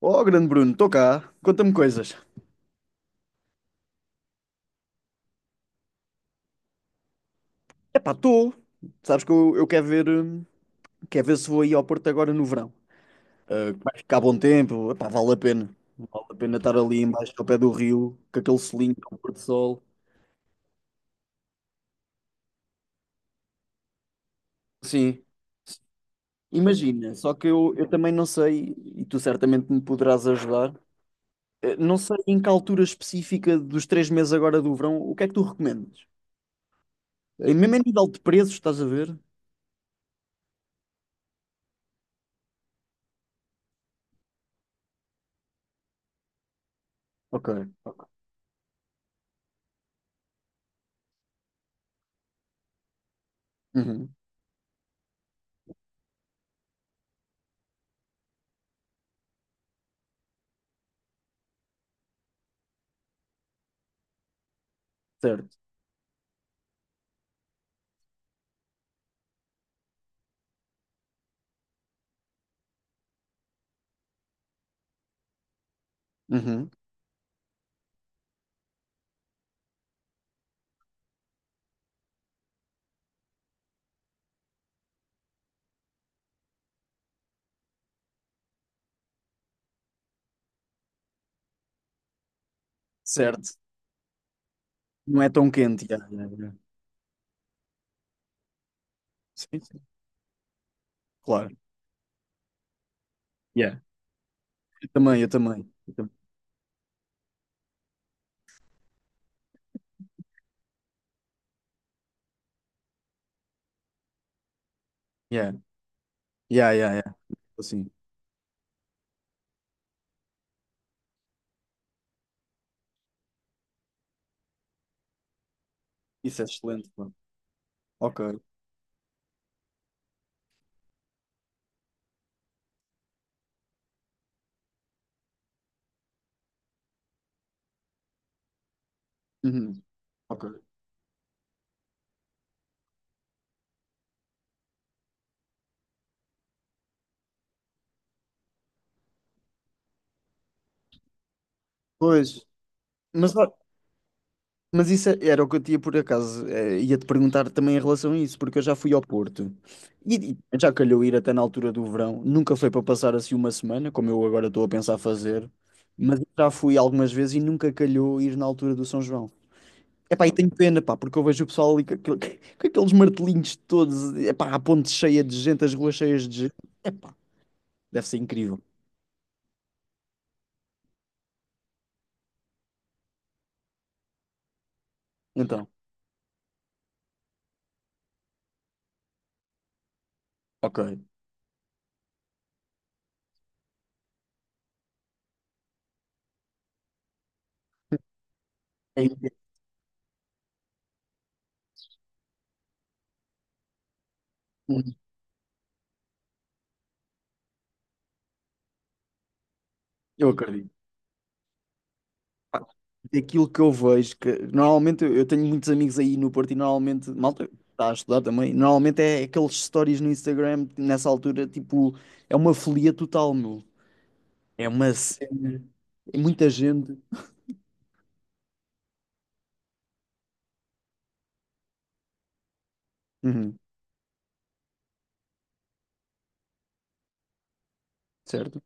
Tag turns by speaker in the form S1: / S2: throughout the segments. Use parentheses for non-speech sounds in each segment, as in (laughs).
S1: Oh, grande Bruno, estou cá. Conta-me coisas. Epá, estou. Sabes que eu quero quero ver se vou aí ao Porto agora no verão. Ah, que vai ficar bom tempo. Epá, vale a pena. Vale a pena estar ali embaixo ao pé do rio, com aquele selinho, com o pôr do sol. Sim. Imagina, só que eu também não sei, e tu certamente me poderás ajudar, não sei em que altura específica dos 3 meses agora do verão, o que é que tu recomendas? Mesmo a nível de preços, estás a ver? Ok. Uhum. Certo. Uhum. Certo. Não é tão quente, yeah, yeah, yeah. Sim, sim, claro. Yeah. Eu também, eu também. Yeah. Yeah, yeah, yeah. Assim, isso é excelente, mano. Ok. Uhum. Ok. Pois, mas, ó, mas isso era o que eu tinha por acaso. Ia-te perguntar também em relação a isso, porque eu já fui ao Porto e já calhou ir até na altura do verão. Nunca foi para passar assim uma semana, como eu agora estou a pensar fazer, mas já fui algumas vezes e nunca calhou ir na altura do São João. Epá, e tenho pena, pá, porque eu vejo o pessoal ali (laughs) com aqueles martelinhos todos, epá, a ponte cheia de gente, as ruas cheias de gente. Epá, deve ser incrível. Então, ok. É incrível. Eu acredito. Pá, daquilo que eu vejo, que normalmente eu tenho muitos amigos aí no Porto e normalmente, malta, está a estudar também, normalmente é aqueles stories no Instagram, nessa altura, tipo, é uma folia total, meu. É uma cena, é muita gente. Uhum, certo?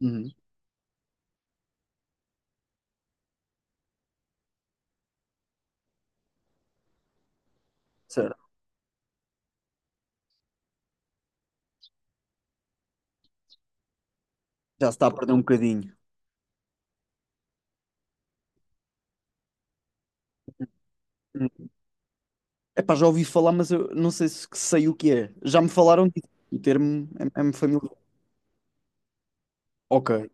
S1: Uhum, certo. Já se está a perder um bocadinho. Epá, já ouvi falar, mas eu não sei se que sei o que é. Já me falaram disso. O termo é-me familiar. Ok.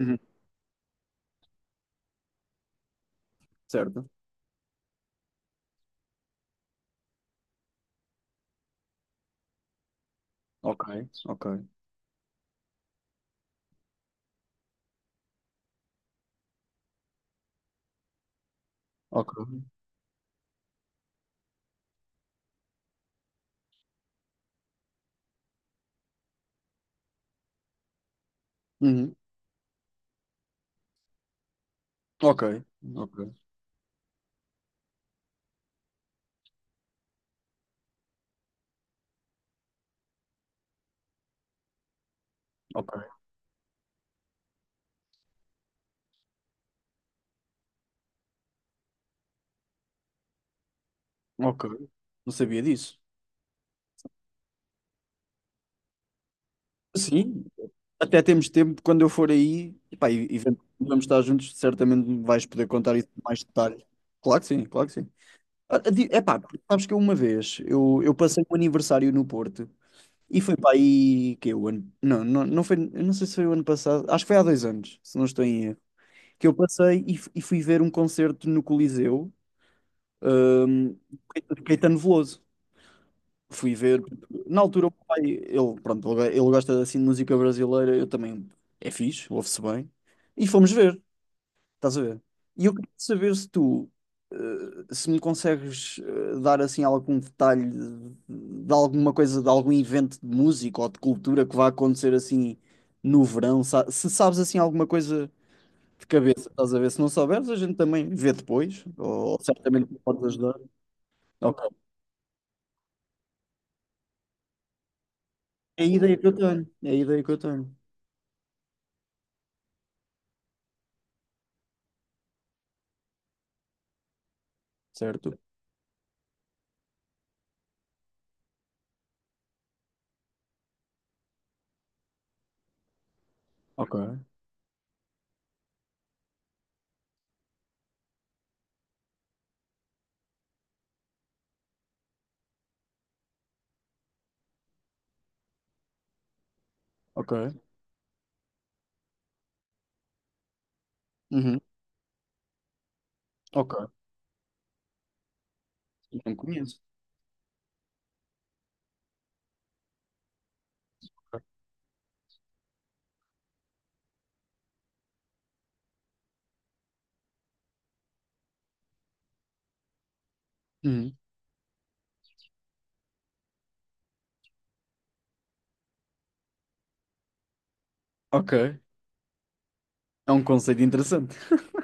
S1: Uhum. Certo. Ok. Ok. Ok. Uhum. Ok. Ok. Ok. Ok. Não sabia disso. Sim. Até temos tempo, quando eu for aí, epá, e vamos estar juntos, certamente me vais poder contar isso com mais detalhe. Claro que sim, claro que sim. Ah, epá, porque sabes que eu uma vez, eu passei um aniversário no Porto. E foi para aí que é o ano. Não, não, não foi. Eu não sei se foi o ano passado. Acho que foi há 2 anos, se não estou em erro. Que eu passei e fui ver um concerto no Coliseu, hum, de Caetano Veloso. Fui ver. Na altura, o meu pai, ele, pronto, ele gosta assim de música brasileira, eu também. É fixe, ouve-se bem. E fomos ver. Estás a ver? E eu queria saber se tu, se me consegues dar assim algum detalhe de alguma coisa, de algum evento de música ou de cultura que vai acontecer assim no verão, se sabes assim alguma coisa de cabeça, estás a ver? Se não souberes, a gente também vê depois, ou, certamente me podes ajudar. Ok. É a ideia que eu tenho, é a ideia que eu tenho, certo? Ok, ok. Uhum. Ok. Não conheço. Uhum. Ok. É um conceito interessante. (laughs)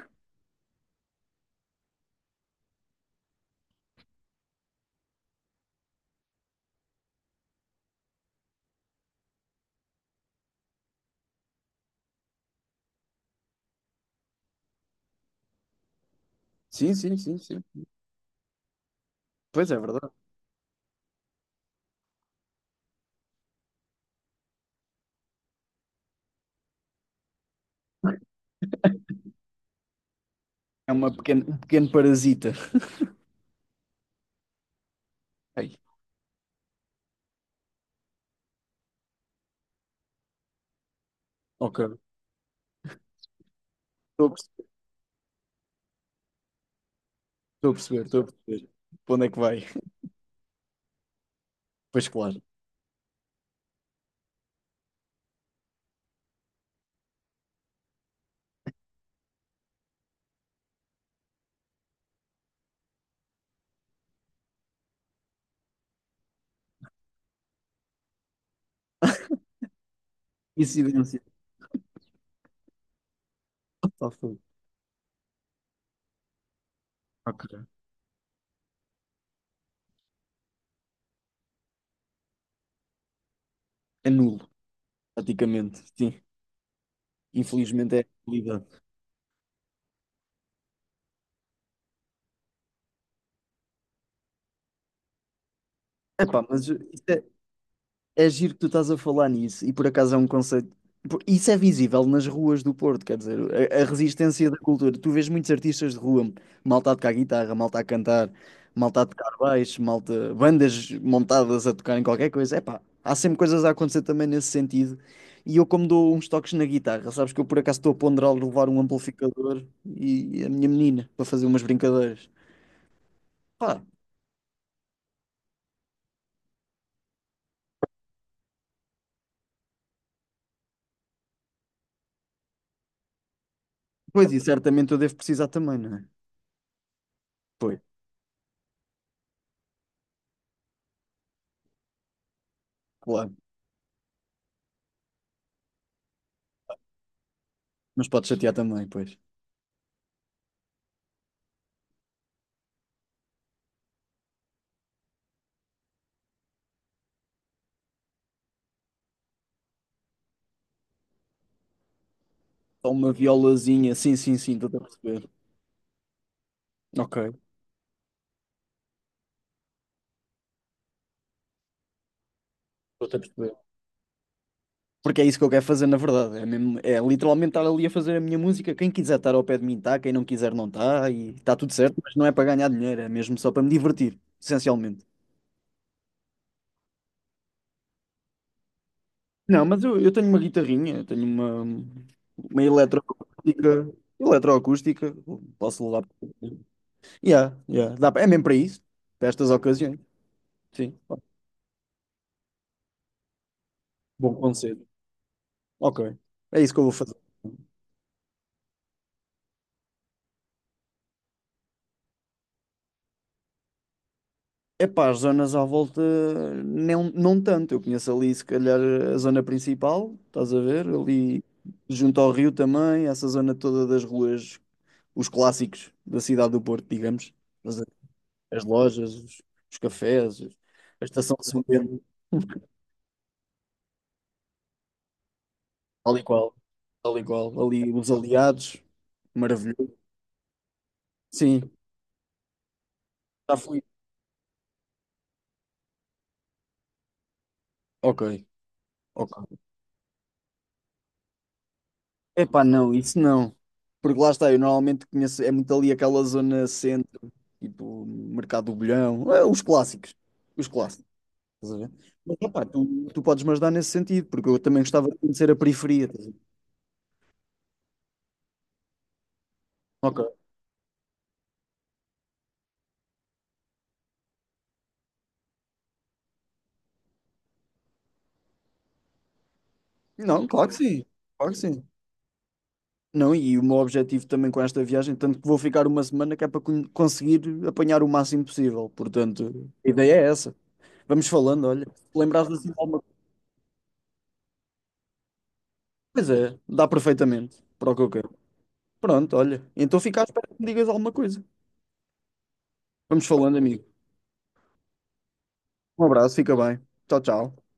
S1: Sim, sim, sim, sim. Pois é verdade. Um pequeno parasita. Ei, ok. Estou a perce- estou a perceber, estou a perceber. Para onde é que vai? Pois claro. Incidência. Tá fogo. Ok. É nulo, praticamente. Sim. Infelizmente é a realidade. Epá, é giro que tu estás a falar nisso, e por acaso é um conceito. Isso é visível nas ruas do Porto, quer dizer, a resistência da cultura. Tu vês muitos artistas de rua, malta a tocar guitarra, malta a cantar, malta a tocar baixo, malta, bandas montadas a tocar em qualquer coisa. Epá, há sempre coisas a acontecer também nesse sentido. E eu, como dou uns toques na guitarra, sabes que eu por acaso estou a ponderar levar um amplificador e a minha menina para fazer umas brincadeiras. Pá, pois e certamente eu devo precisar também, não é? Pois, claro. Mas pode chatear também, pois. É uma violazinha, sim, sim, sim, estou a perceber. Ok, estou a perceber. Porque é isso que eu quero fazer, na verdade. É mesmo, é literalmente estar ali a fazer a minha música. Quem quiser estar ao pé de mim está, quem não quiser não está, e está tudo certo, mas não é para ganhar dinheiro, é mesmo só para me divertir, essencialmente. Não, mas eu tenho uma guitarrinha, eu tenho uma eletroacústica, posso levar. Para. Yeah, yeah, dá, é mesmo para isso, para estas ocasiões. Sim, bom conselho. Ok, é isso que eu vou fazer. Epá, as zonas à volta não, não tanto. Eu conheço ali, se calhar, a zona principal, estás a ver? Ali junto ao rio também, essa zona toda das ruas, os clássicos da cidade do Porto, digamos. Mas a- As lojas, os cafés, a estação de São Pedro, tal e qual, tal e qual. Ali os Aliados, maravilhoso. Sim, já fui. Ok, ok. Epá, não, isso não. Porque lá está, eu normalmente conheço, é muito ali aquela zona centro, tipo Mercado do Bolhão, os clássicos. Os clássicos, estás a ver? Mas epá, tu podes me ajudar nesse sentido, porque eu também gostava de conhecer a periferia. Estás a ver? Ok. Não, claro que sim, claro que sim. Não, e o meu objetivo também com esta viagem, tanto que vou ficar uma semana, que é para conseguir apanhar o máximo possível. Portanto, a ideia é essa. Vamos falando, olha. Se lembrares assim de alguma coisa? Dá perfeitamente para o que eu quero. Pronto, olha. Então fica à espera que me digas alguma coisa. Vamos falando, amigo. Um abraço, fica bem. Tchau, tchau.